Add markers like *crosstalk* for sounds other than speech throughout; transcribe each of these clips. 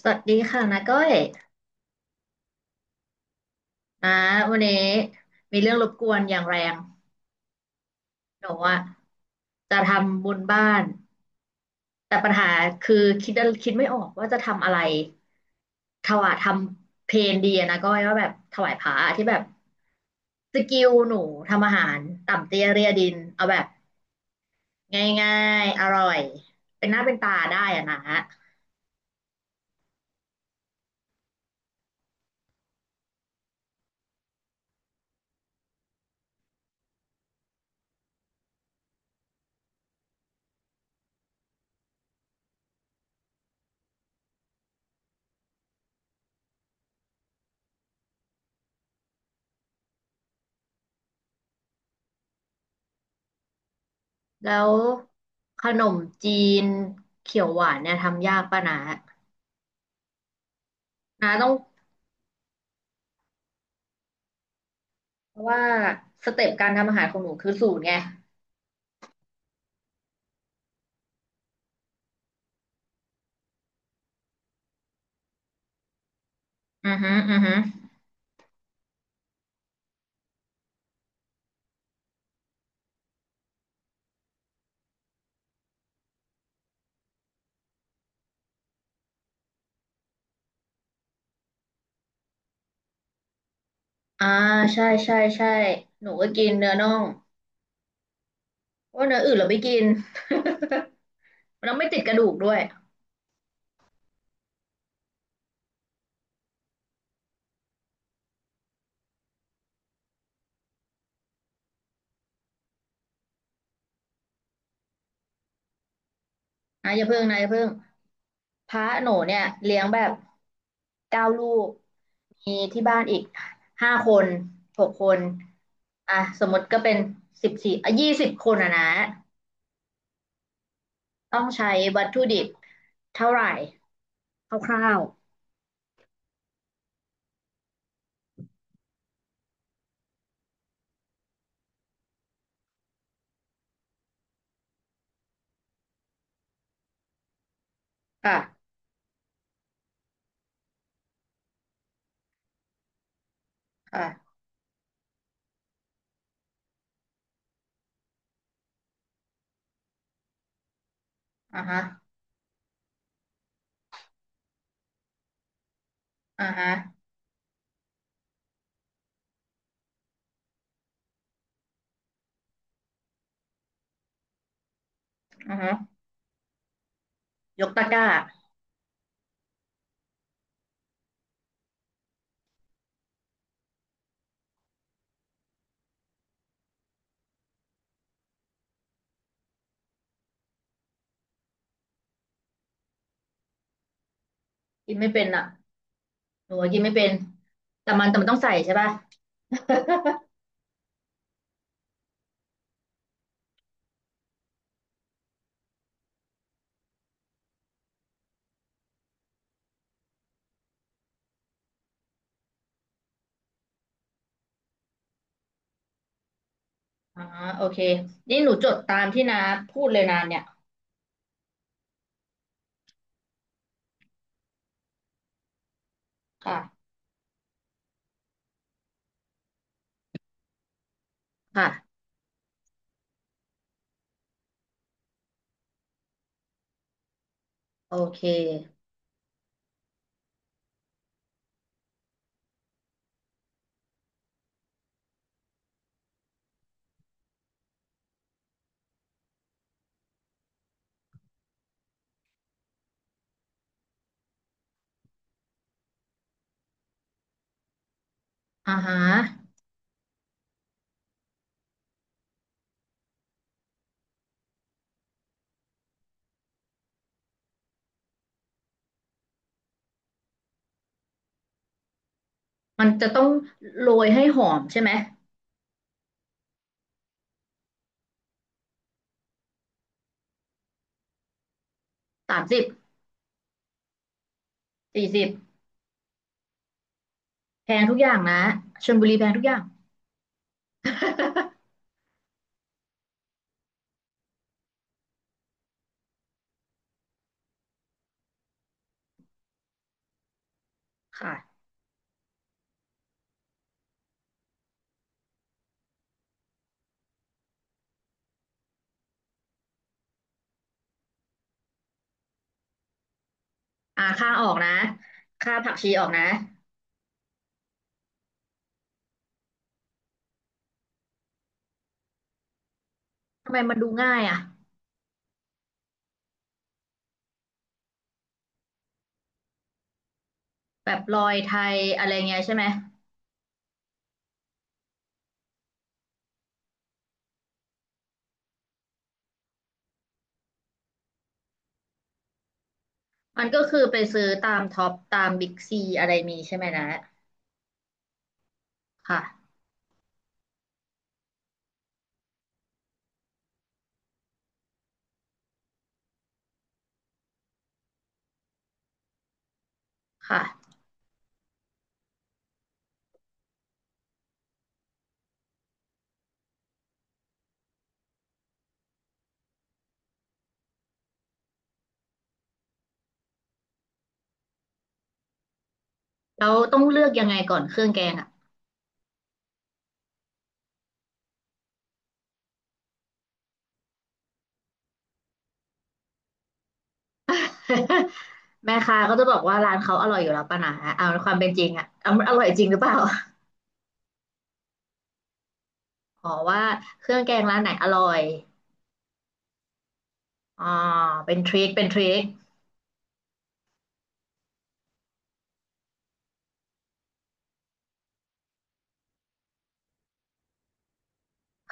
สวัสดีค่ะนาก้อยนะวันนี้มีเรื่องรบกวนอย่างแรงหนูอะจะทำบุญบ้านแต่ปัญหาคือคิดคิดไม่ออกว่าจะทำอะไรถวายทำเพลนดีอะนะก้อยว่าแบบถวายพระที่แบบสกิลหนูทำอาหารต่ำเตี้ยเรียดินเอาแบบง่ายๆอร่อยเป็นหน้าเป็นตาได้อะนะแล้วขนมจีนเขียวหวานเนี่ยทำยากป่ะนะนะต้อง เพราะว่าสเต็ปการทำอาหารของหนูคือสูตรไง อือฮึอือฮึอ่าใช่ใช่ใช่หนูก็กินเนื้อน่องเพราะว่าเนื้ออื่นเราไม่กิน *laughs* เราไม่ติดกระดูกด้วยนะอย่าเพิ่งนะอย่าเพิ่งพระหนูเนี่ยเลี้ยงแบบ9 ลูกมีที่บ้านอีก5 คน6 คนอ่ะสมมติก็เป็นสิบสี่อ่ะ20 คนอ่ะนะต้องใช้วัตถุดิบเท่าไหร่คร่าวๆค่ะค่ะ อ่าฮะอ่าฮะ อือฮะยกตะกร้ากินไม่เป็นอ่ะหนูว่ากินไม่เป็นแต่มันต้องใส่ใช่ป่ะ *laughs* อ่าโอเคนี่หนูจดตามที่น้าพูดเลยนานเนี่ยค่ะค่ะโอเคอ่าฮะมันจะต้องโรยให้หอมใช่ไหม3040แพงทุกอย่างนะชลบุรีแพงทุกอย่าง *laughs* ค่ะอ่าค่าออกนะค่าผักชีออกนะทำไมมันดูง่ายอ่ะแบบลอยไทยอะไรเงี้ยใช่ไหม มันก็คือไปซื้อตามท็อปตามบิ๊กซีอะไรมีใช่ไหมนะค่ะค่ะเราต้องเลือกยังไงก่อนเครื่องแกงอ่ะ *laughs* แม่ค้าก็จะบอกว่าร้านเขาอร่อยอยู่แล้วป่ะนะเอาความเป็นจริงอ่ะเอามันอร่อยจริงหรือเปล่าอ๋อว่าเครื่องแกงร้านไหนอร่อยอ๋อเป็นทริคเป็นทริค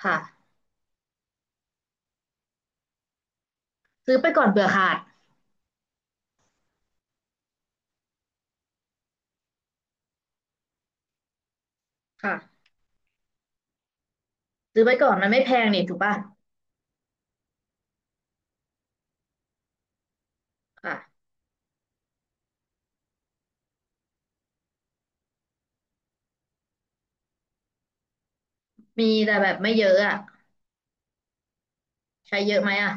ค่ะซื้อไปก่อนเผื่อขาดค่ะซื้อไปก่อนมันไม่แพงนี่ถูกป่ะค่ะมีแต่แบบไม่เยอะอ่ะใช้เยอะไหมอ่ะ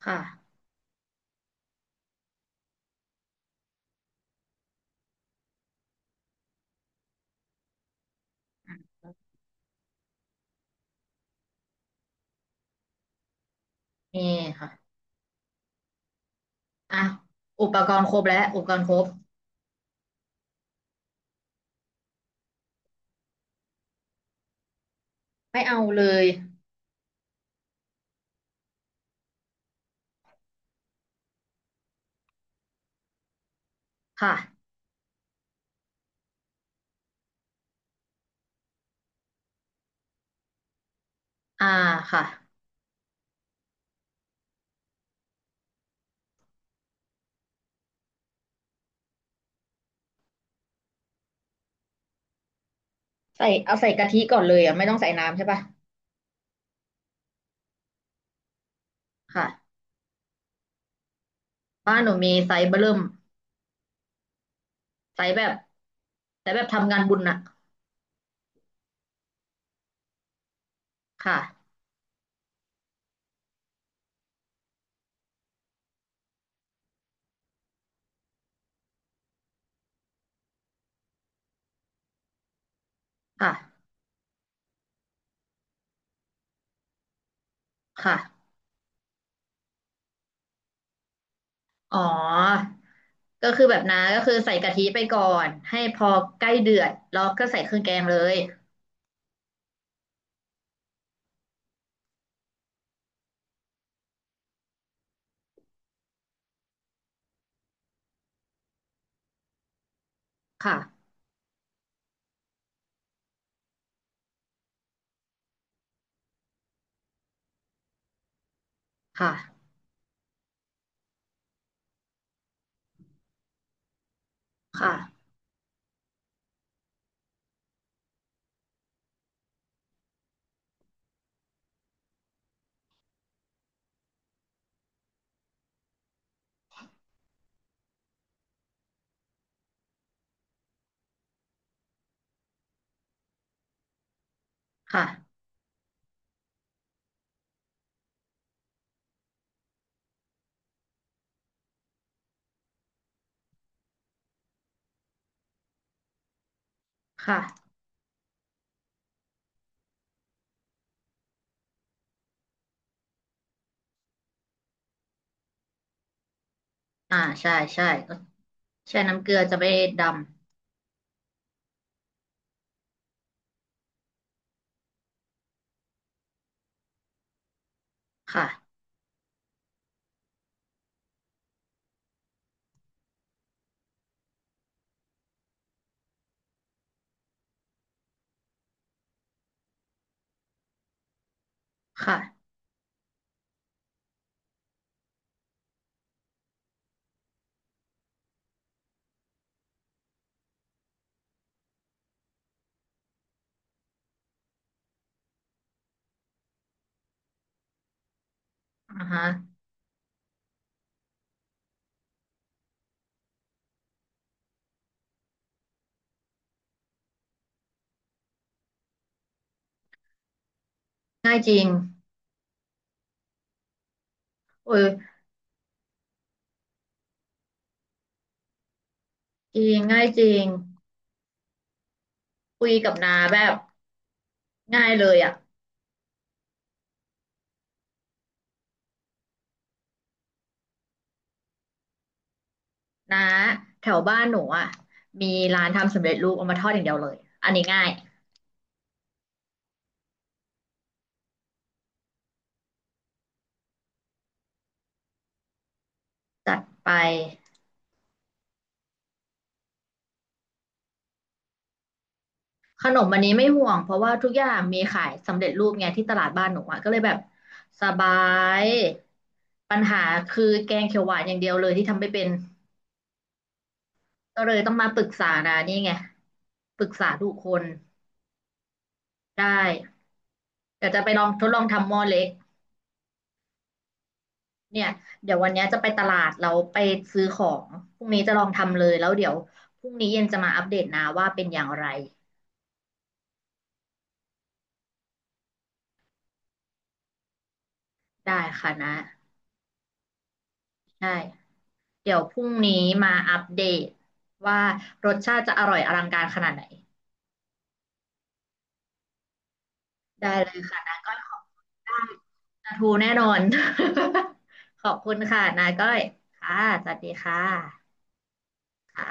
ค่ะนี่ค่ะอ่ะอุปกรณ์ครบแล้วอุปกรณ์ครบ ไม่เอาเลยค่ะอ่าค่ะใส่เอาใส่กะทิก่อนเลยอ่ะไม่ต้องใส่น้ำใช่ปะค่ะบ้านหนูมีไซส์เบร์ิ่มไซส์แบบไซส์แบบทำงานบุญน่ะค่ะค่ะค่ะอ๋อก็คือแบบนั้นก็คือใส่กะทิไปก่อนให้พอใกล้เดือดแล้วก็ใส่เครื่องแกงเลยค่ะค่ะค่ะค่ะค่ะอ่าใช่ใช่ก็แช่น้ำเกลือจะไม่ดำค่ะค่ะอ่าฮะง่ายจริงเออจริงง่ายจริง คุยกับน้าแบบง่ายเลยอ่ะน้าแถวบ้านหนูอ่ะมีร้านทำสำเร็จรูปเอามาทอดอย่างเดียวเลยอันนี้ง่ายจัดไปขนมอันนี้ไม่ห่วงเพราะว่าทุกอย่างมีขายสำเร็จรูปไงที่ตลาดบ้านหนูอ่ะก็เลยแบบสบายปัญหาคือแกงเขียวหวานอย่างเดียวเลยที่ทำไม่เป็นก็เลยต้องมาปรึกษานะนี่ไงปรึกษาทุกคนได้แต่จะไปลองทดลองทำหม้อเล็ก เนี่ยเดี๋ยววันเนี้ยจะไปตลาดแล้วไปซื้อของพรุ่งนี้จะลองทำเลยแล้วเดี๋ยวพรุ่งนี้เย็นจะมาอัปเดตนะว่าเป็นอย่างไรได้ค่ะนะได้เดี๋ยวพรุ่งนี้มาอัปเดตว่ารสชาติจะอร่อยอลังการขนาดไหนได้เลยค่ะนะก้อยได้ปลาทูแน่นอน *laughs* ขอบคุณค่ะนาก้อยค่ะสวัสดีค่ะค่ะ